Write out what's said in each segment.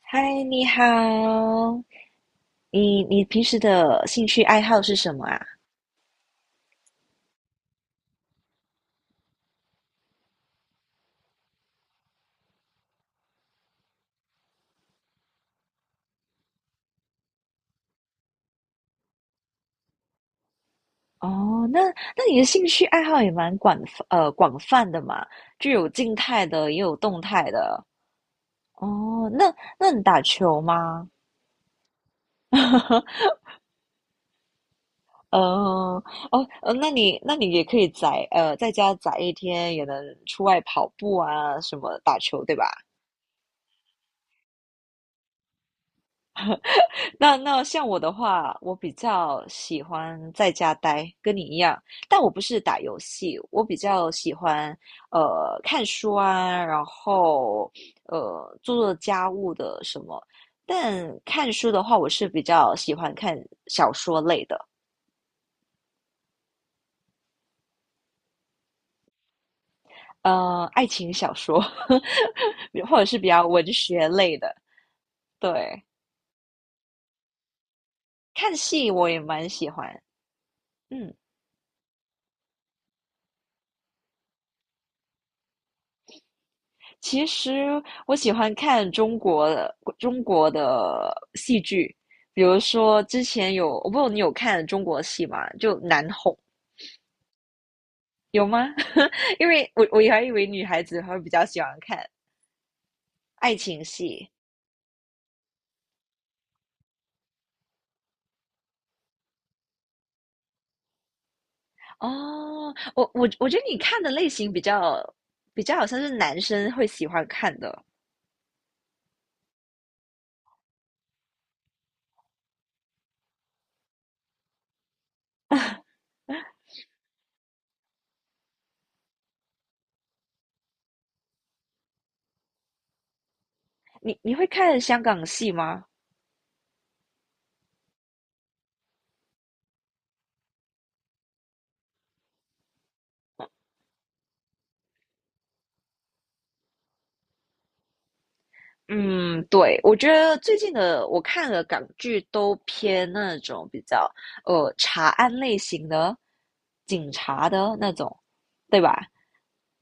嗨，你好，你平时的兴趣爱好是什么啊？哦，那你的兴趣爱好也蛮广广泛的嘛，就有静态的，也有动态的。哦，那你打球吗？呃，哦，那你也可以宅在家宅一天，也能出外跑步啊，什么打球，对吧？那像我的话，我比较喜欢在家待，跟你一样，但我不是打游戏，我比较喜欢看书啊，然后做做家务的什么。但看书的话，我是比较喜欢看小说类的，爱情小说，或者是比较文学类的。对，看戏我也蛮喜欢，嗯。其实我喜欢看中国的戏剧，比如说之前有，我不知道你有看中国戏吗？就难哄有吗？因为我还以为女孩子会比较喜欢看爱情戏哦。我觉得你看的类型比较比较好像是男生会喜欢看的。你会看香港戏吗？嗯，对，我觉得最近的我看的港剧都偏那种比较查案类型的、警察的那种，对吧？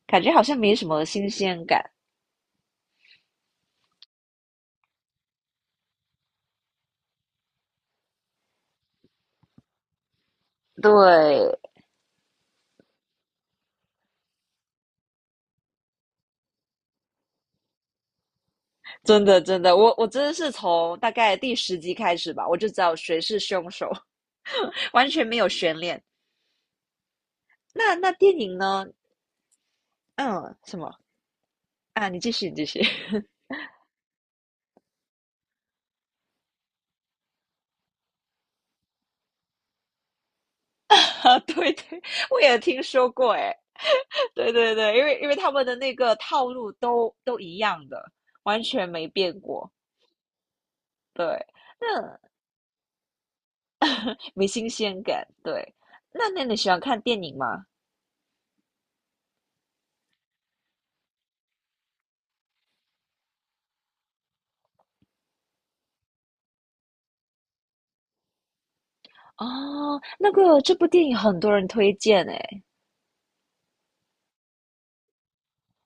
感觉好像没什么新鲜感。对，真的真的，我真的是从大概第十集开始吧，我就知道谁是凶手，完全没有悬念。那电影呢？嗯，什么啊？你继续，你继续。啊，对对，我也听说过，诶，对对对，因为他们的那个套路都一样的，完全没变过。对，那没新鲜感。对，那你喜欢看电影吗？哦，那个这部电影很多人推荐诶，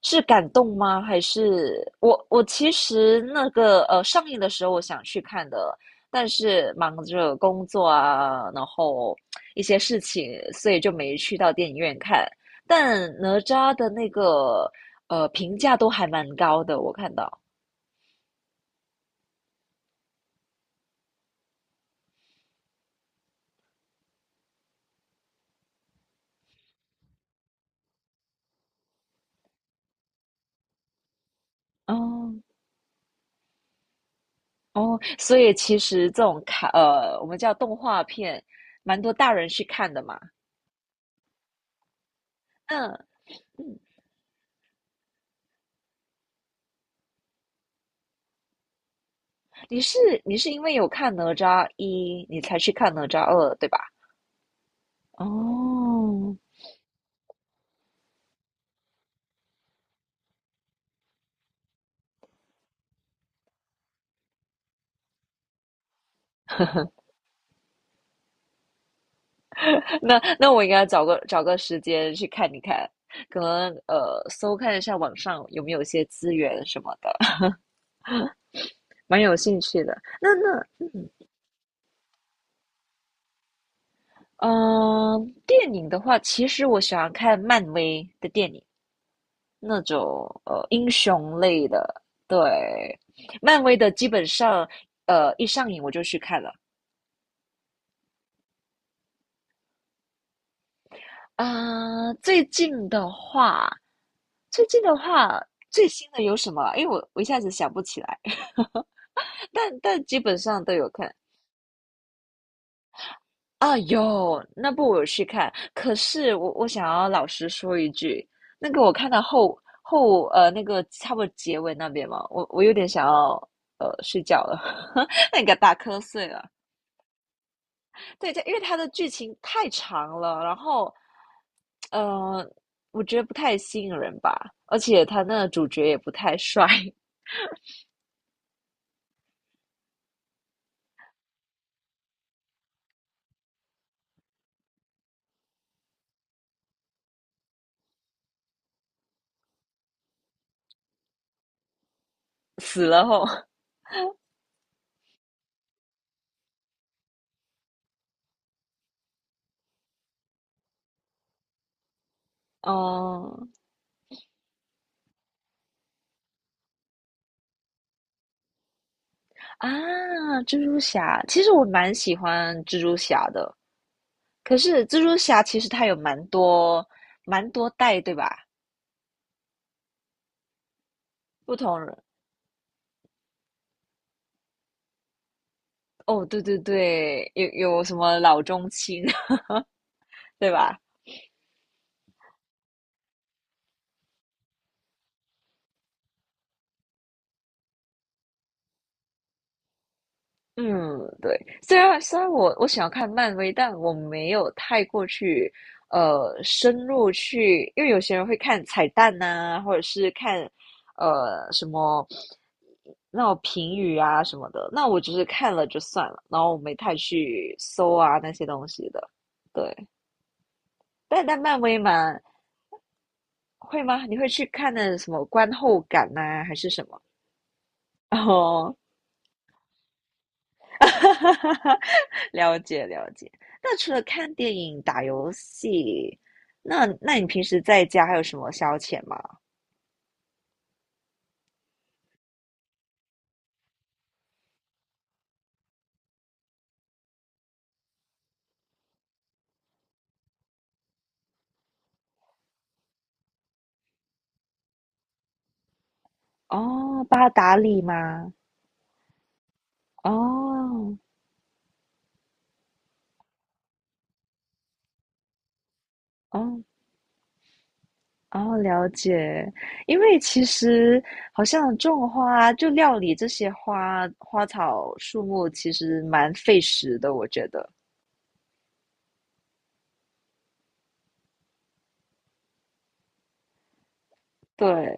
是感动吗？还是我其实那个上映的时候我想去看的，但是忙着工作啊，然后一些事情，所以就没去到电影院看。但哪吒的那个评价都还蛮高的，我看到。哦哦，所以其实这种卡我们叫动画片，蛮多大人去看的嘛。嗯嗯，你是你是因为有看哪吒一，你才去看哪吒二，对吧？哦，那我应该找个时间去看一看，可能搜看一下网上有没有一些资源什么的，蛮有兴趣的。那那嗯、电影的话，其实我喜欢看漫威的电影，那种英雄类的。对，漫威的基本上一上映我就去看了。啊、最近的话，最近的话最新的有什么？因为我一下子想不起来。但但基本上都有看啊，有那部我有去看，可是我想要老实说一句，那个我看到后那个差不多结尾那边嘛，我有点想要睡觉了，那个打瞌睡了。对，它因为它的剧情太长了，然后呃，我觉得不太吸引人吧，而且他那个主角也不太帅，死了后。哦啊，蜘蛛侠，其实我蛮喜欢蜘蛛侠的，可是蜘蛛侠其实它有蛮多代，对吧？不同人哦，对对对，有有什么老中青，对吧？嗯，对。虽然我想要看漫威，但我没有太过去深入去，因为有些人会看彩蛋呐、或者是看什么那种评语啊什么的。那我只是看了就算了，然后我没太去搜啊那些东西的。对，但但漫威嘛，会吗？你会去看那什么观后感呐、还是什么？哦，了解了解。那除了看电影、打游戏，那你平时在家还有什么消遣吗？哦，帮他打理吗？哦哦哦，了解。因为其实好像种花，就料理这些花花草树木，其实蛮费时的，我觉得。对，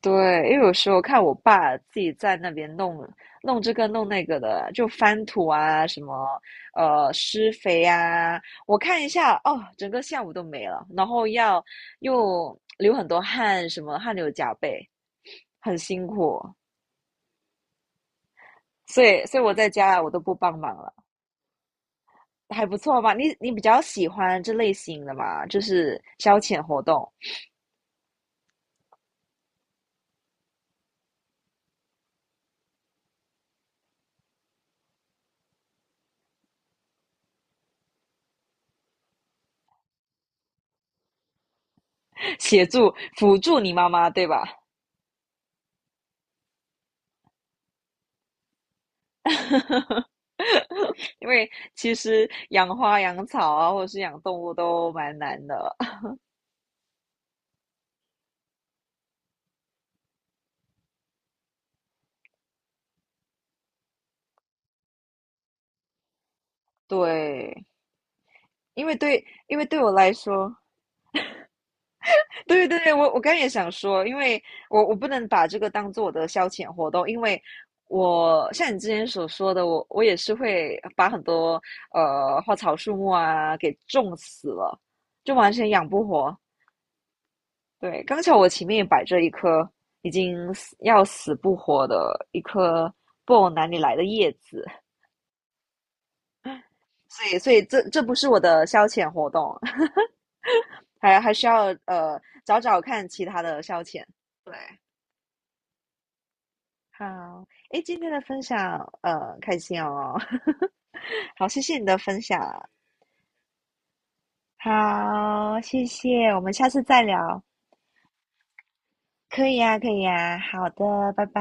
对，因为有时候看我爸自己在那边弄弄这个弄那个的，就翻土啊，什么施肥啊，我看一下哦，整个下午都没了，然后要又流很多汗，什么汗流浃背，很辛苦，所以我在家我都不帮忙了，还不错吧？你比较喜欢这类型的嘛，就是消遣活动，协助辅助你妈妈，对吧？因为其实养花、养草啊，或者是养动物都蛮难的。对，因为对，因为对我来说，对对对，我刚才也想说，因为我不能把这个当做我的消遣活动，因为我像你之前所说的，我也是会把很多花草树木啊给种死了，就完全养不活。对，刚巧我前面也摆着一颗已经死要死不活的一颗不懂哪里来的叶子，所以这不是我的消遣活动，还还需要找找看其他的消遣。对，好，诶，今天的分享开心哦，好，谢谢你的分享，好，谢谢，我们下次再聊，可以呀，可以呀，好的，拜拜。